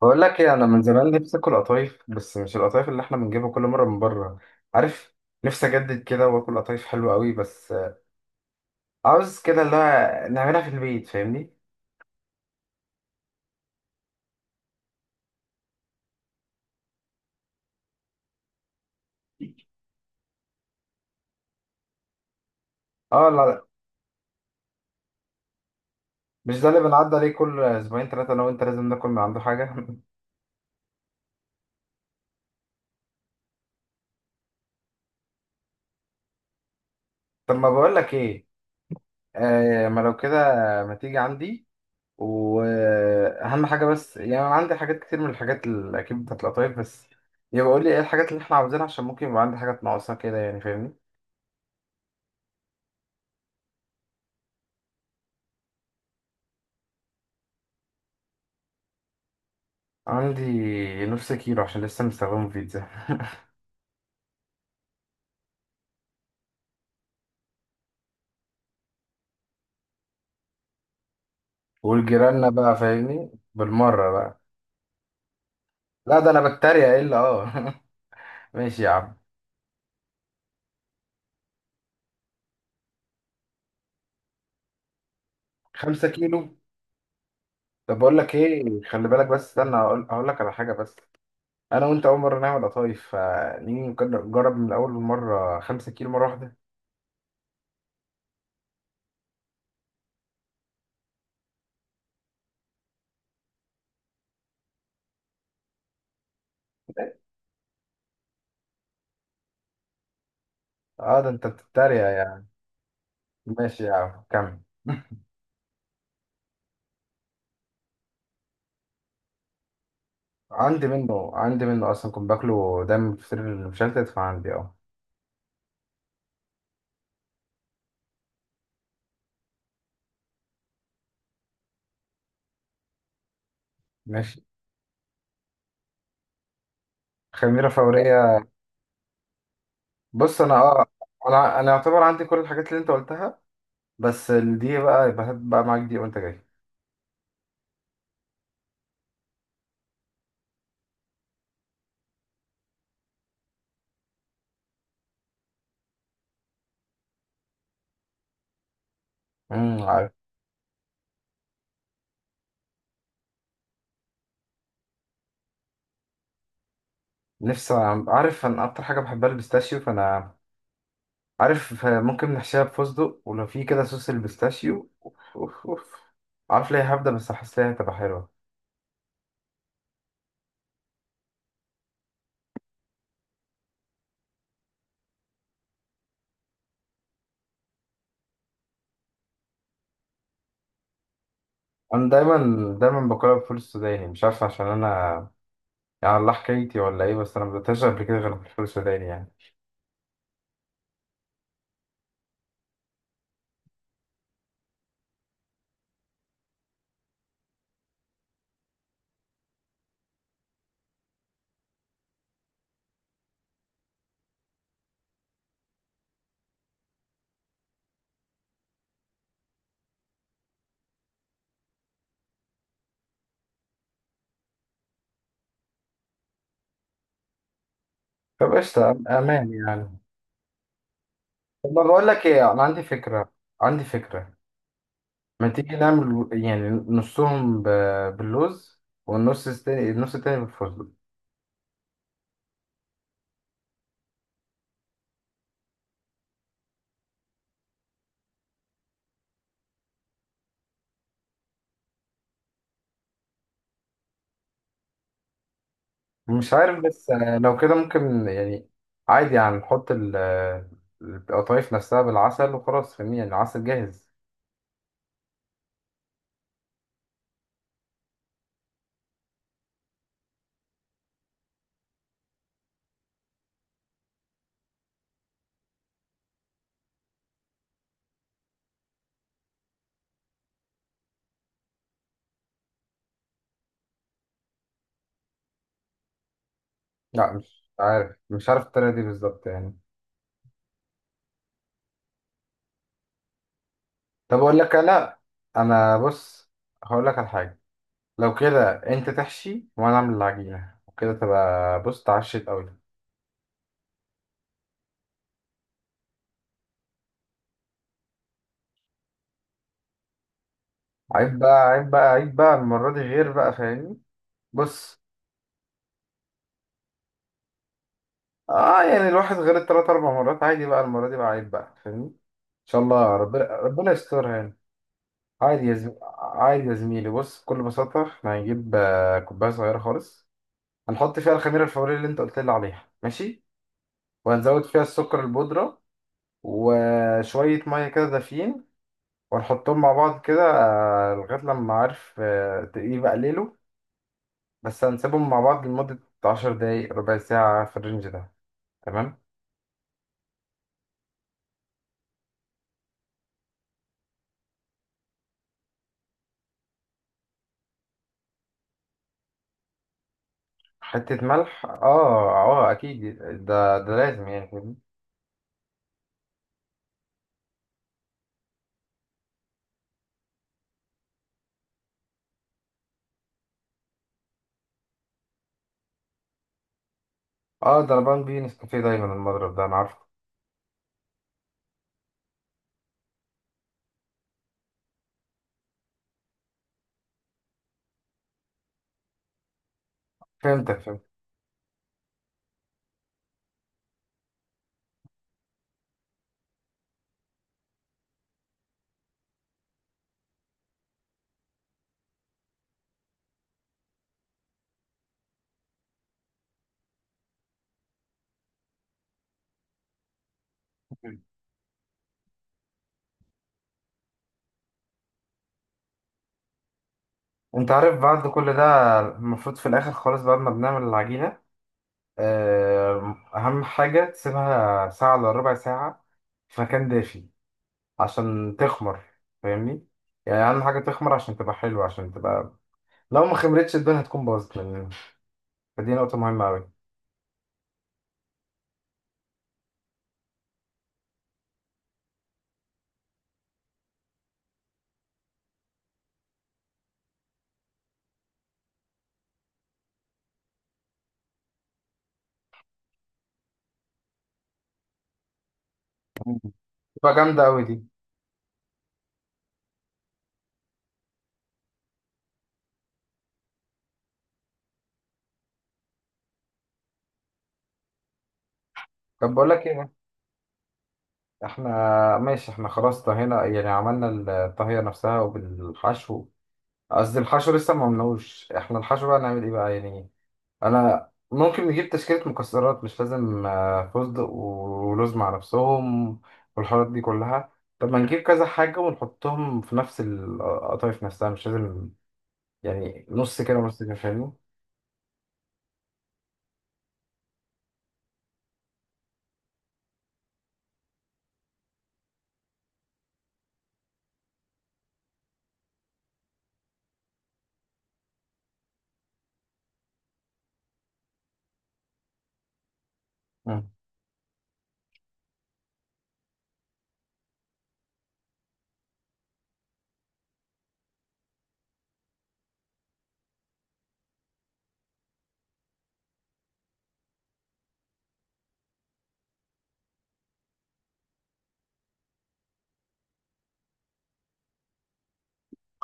بقول لك ايه، انا من زمان نفسي اكل قطايف، بس مش القطايف اللي احنا بنجيبها كل مره من بره. عارف، نفسي اجدد كده واكل قطايف حلوه قوي، بس عاوز كده اللي هو نعملها في البيت، فاهمني؟ اه، لا لا، مش ده اللي بنعدي عليه كل اسبوعين ثلاثه انا وانت لازم ناكل من عنده حاجه طب ما بقول لك ايه، آه، ما لو كده ما تيجي عندي، واهم حاجه بس، يعني انا عندي حاجات كتير من الحاجات اللي اكيد بتاعت القطايف، بس يبقى قول لي ايه الحاجات اللي احنا عاوزينها عشان ممكن يبقى عندي حاجات ناقصه كده، يعني فاهمني. عندي نص كيلو عشان لسه مستخدمه في بيتزا والجيراننا بقى، فاهمني، بالمرة بقى. لا ده أنا بتريق، إيه إلا أه ماشي يا عم. 5 كيلو. طب بقول لك إيه، خلي بالك، بس استنى، هقول لك على حاجة بس. أنا وأنت أول مرة نعمل قطايف، فنيجي نجرب من أول مرة 5 كيلو مرة واحدة؟ أه ده أنت بتتريق يعني. ماشي يا عم، كمل. عندي منه، عندي منه أصلا، كنت باكله دايما في الفطير المشلتت، فعندي أه. ماشي. خميرة فورية. بص انا انا يعتبر عندي كل الحاجات اللي انت قلتها، بس دي بقى يبقى هات بقى معاك دي وانت جاي. عارف، نفسي. عارف، انا اكتر حاجه بحبها البيستاشيو، فانا عارف ممكن نحشيها بفستق، ولو في كده صوص البيستاشيو، اوف اوف اوف. عارف ليه هبدا، بس احس ليها هتبقى حلوه. انا دايما دايما باكلها بالفول السوداني، مش عارف عشان انا، يعني الله حكايتي ولا ايه، بس انا ما بدأتهاش قبل كده غير بالفول السوداني يعني. طب قشطه امان يعني؟ طب ما بقول لك ايه، انا عندي فكره، عندي فكره، ما تيجي نعمل يعني نصهم باللوز، والنص التاني النص التاني بالفستق. مش عارف بس، لو كده ممكن يعني عادي يعني نحط القطايف نفسها بالعسل وخلاص، فاهمني، يعني العسل جاهز. لا، مش عارف الطريقة دي بالظبط يعني. طب أقول لك، لا، أنا بص، هقول لك على حاجة. لو كده أنت تحشي وأنا أعمل العجينة، وكده تبقى، بص، اتعشت أوي. عيب بقى، عيب بقى، عيب بقى المرة دي غير بقى، فاهمني. بص. اه، يعني الواحد غير التلات اربع مرات عادي، بقى المرة دي بقى عيب بقى، فاهمني، ان شاء الله ربنا ربنا يسترها يعني. عادي يا زميلي، بص، بكل بساطة احنا هنجيب كوباية صغيرة خالص. هنحط فيها الخميرة الفورية اللي انت قلت لي عليها، ماشي. وهنزود فيها السكر البودرة، وشوية مية كده دافيين، وهنحطهم مع بعض كده، لغاية لما، عارف، يبقى ليله. بس هنسيبهم مع بعض لمدة 10 دقايق ربع ساعة في الرينج ده. تمام. حتة ملح، اه اه، اكيد. ده لازم، يعني فاهمني؟ اه، ده انا بعمل بيه نسكافيه دايما، المضرب ده انا عارفه. فهمتك، فهمت. انت عارف بعد كل ده المفروض في الاخر خالص بعد ما بنعمل العجينة، اهم حاجة تسيبها ساعة الا ربع ساعة في مكان دافي عشان تخمر، فاهمني، يعني اهم حاجة تخمر عشان تبقى حلوة، عشان تبقى، لو ما خمرتش الدنيا هتكون باظت مننا. فدي نقطة مهمة اوي. تبقى جامدة اوي دي. طب بقول لك ايه، احنا ماشي، احنا خلاص طهينا يعني عملنا الطهية نفسها وبالحشو، قصدي الحشو لسه ما عملناهوش، احنا الحشو بقى نعمل ايه بقى يعني؟ انا ممكن نجيب تشكيلة مكسرات، مش لازم فستق ولوز مع نفسهم والحاجات دي كلها. طب ما نجيب كذا حاجة ونحطهم في نفس القطايف نفسها، مش لازم يعني نص كده ونص كده، فاهمني. مم.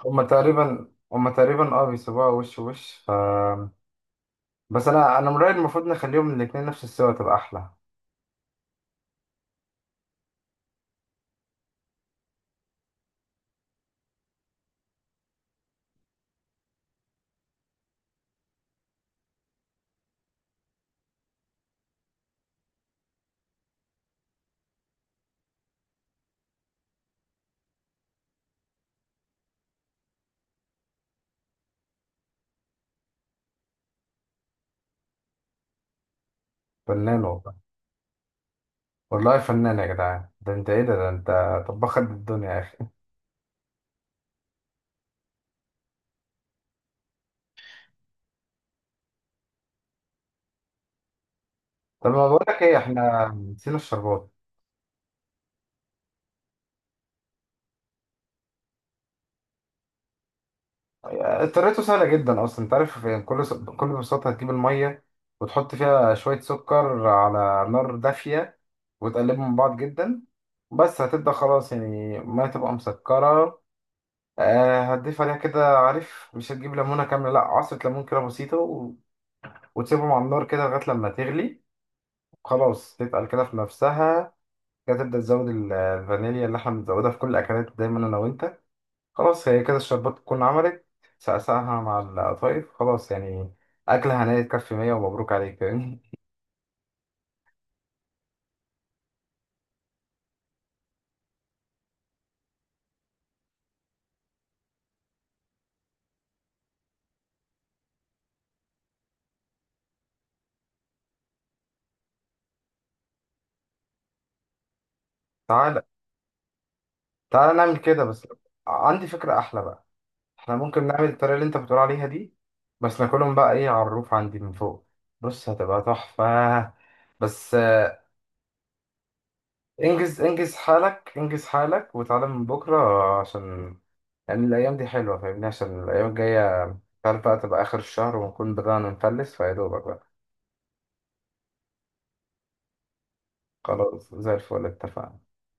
هما تقريبا اه، بيسيبوها وش وش بس انا من رأيي المفروض نخليهم الاتنين نفس السوا تبقى احلى. فنان والله. والله فنان يا جدعان، ده انت ايه، ده انت طباخ قد الدنيا يا اخي. طب ما بقول لك ايه، احنا نسينا الشربات. طريقته سهله جدا اصلا، انت عارف يعني، كل بكل بساطه هتجيب الميه وتحط فيها شويه سكر على نار دافيه، وتقلبهم من بعض جدا. بس هتبدا خلاص يعني الميه تبقى مسكره. هتضيف عليها كده، عارف، مش هتجيب ليمونه كامله، لا، عصره ليمون كده بسيطه، وتسيبهم على النار كده لغايه لما تغلي، خلاص تتقل كده في نفسها. كده تبدأ تزود الفانيليا اللي احنا بنزودها في كل الأكلات دايما أنا وأنت. خلاص، هي كده الشربات تكون عملت. سقسقها مع القطايف، خلاص يعني. أكلة هنية تكفي 100 ومبروك عليك يعني. تعالى، تعالى نعمل كده، بس عندي فكرة أحلى بقى. احنا ممكن نعمل الطريقة اللي أنت بتقول عليها دي، بس ناكلهم بقى إيه على الروف عندي من فوق. بص هتبقى تحفة. بس انجز انجز حالك، انجز حالك وتعالى من بكرة عشان يعني الأيام دي حلوة، فاهمني، عشان الأيام الجاية أنت عارف بقى تبقى آخر الشهر ونكون بدأنا نفلس فيا دوبك بقى. خلاص، زي الفل، اتفقنا.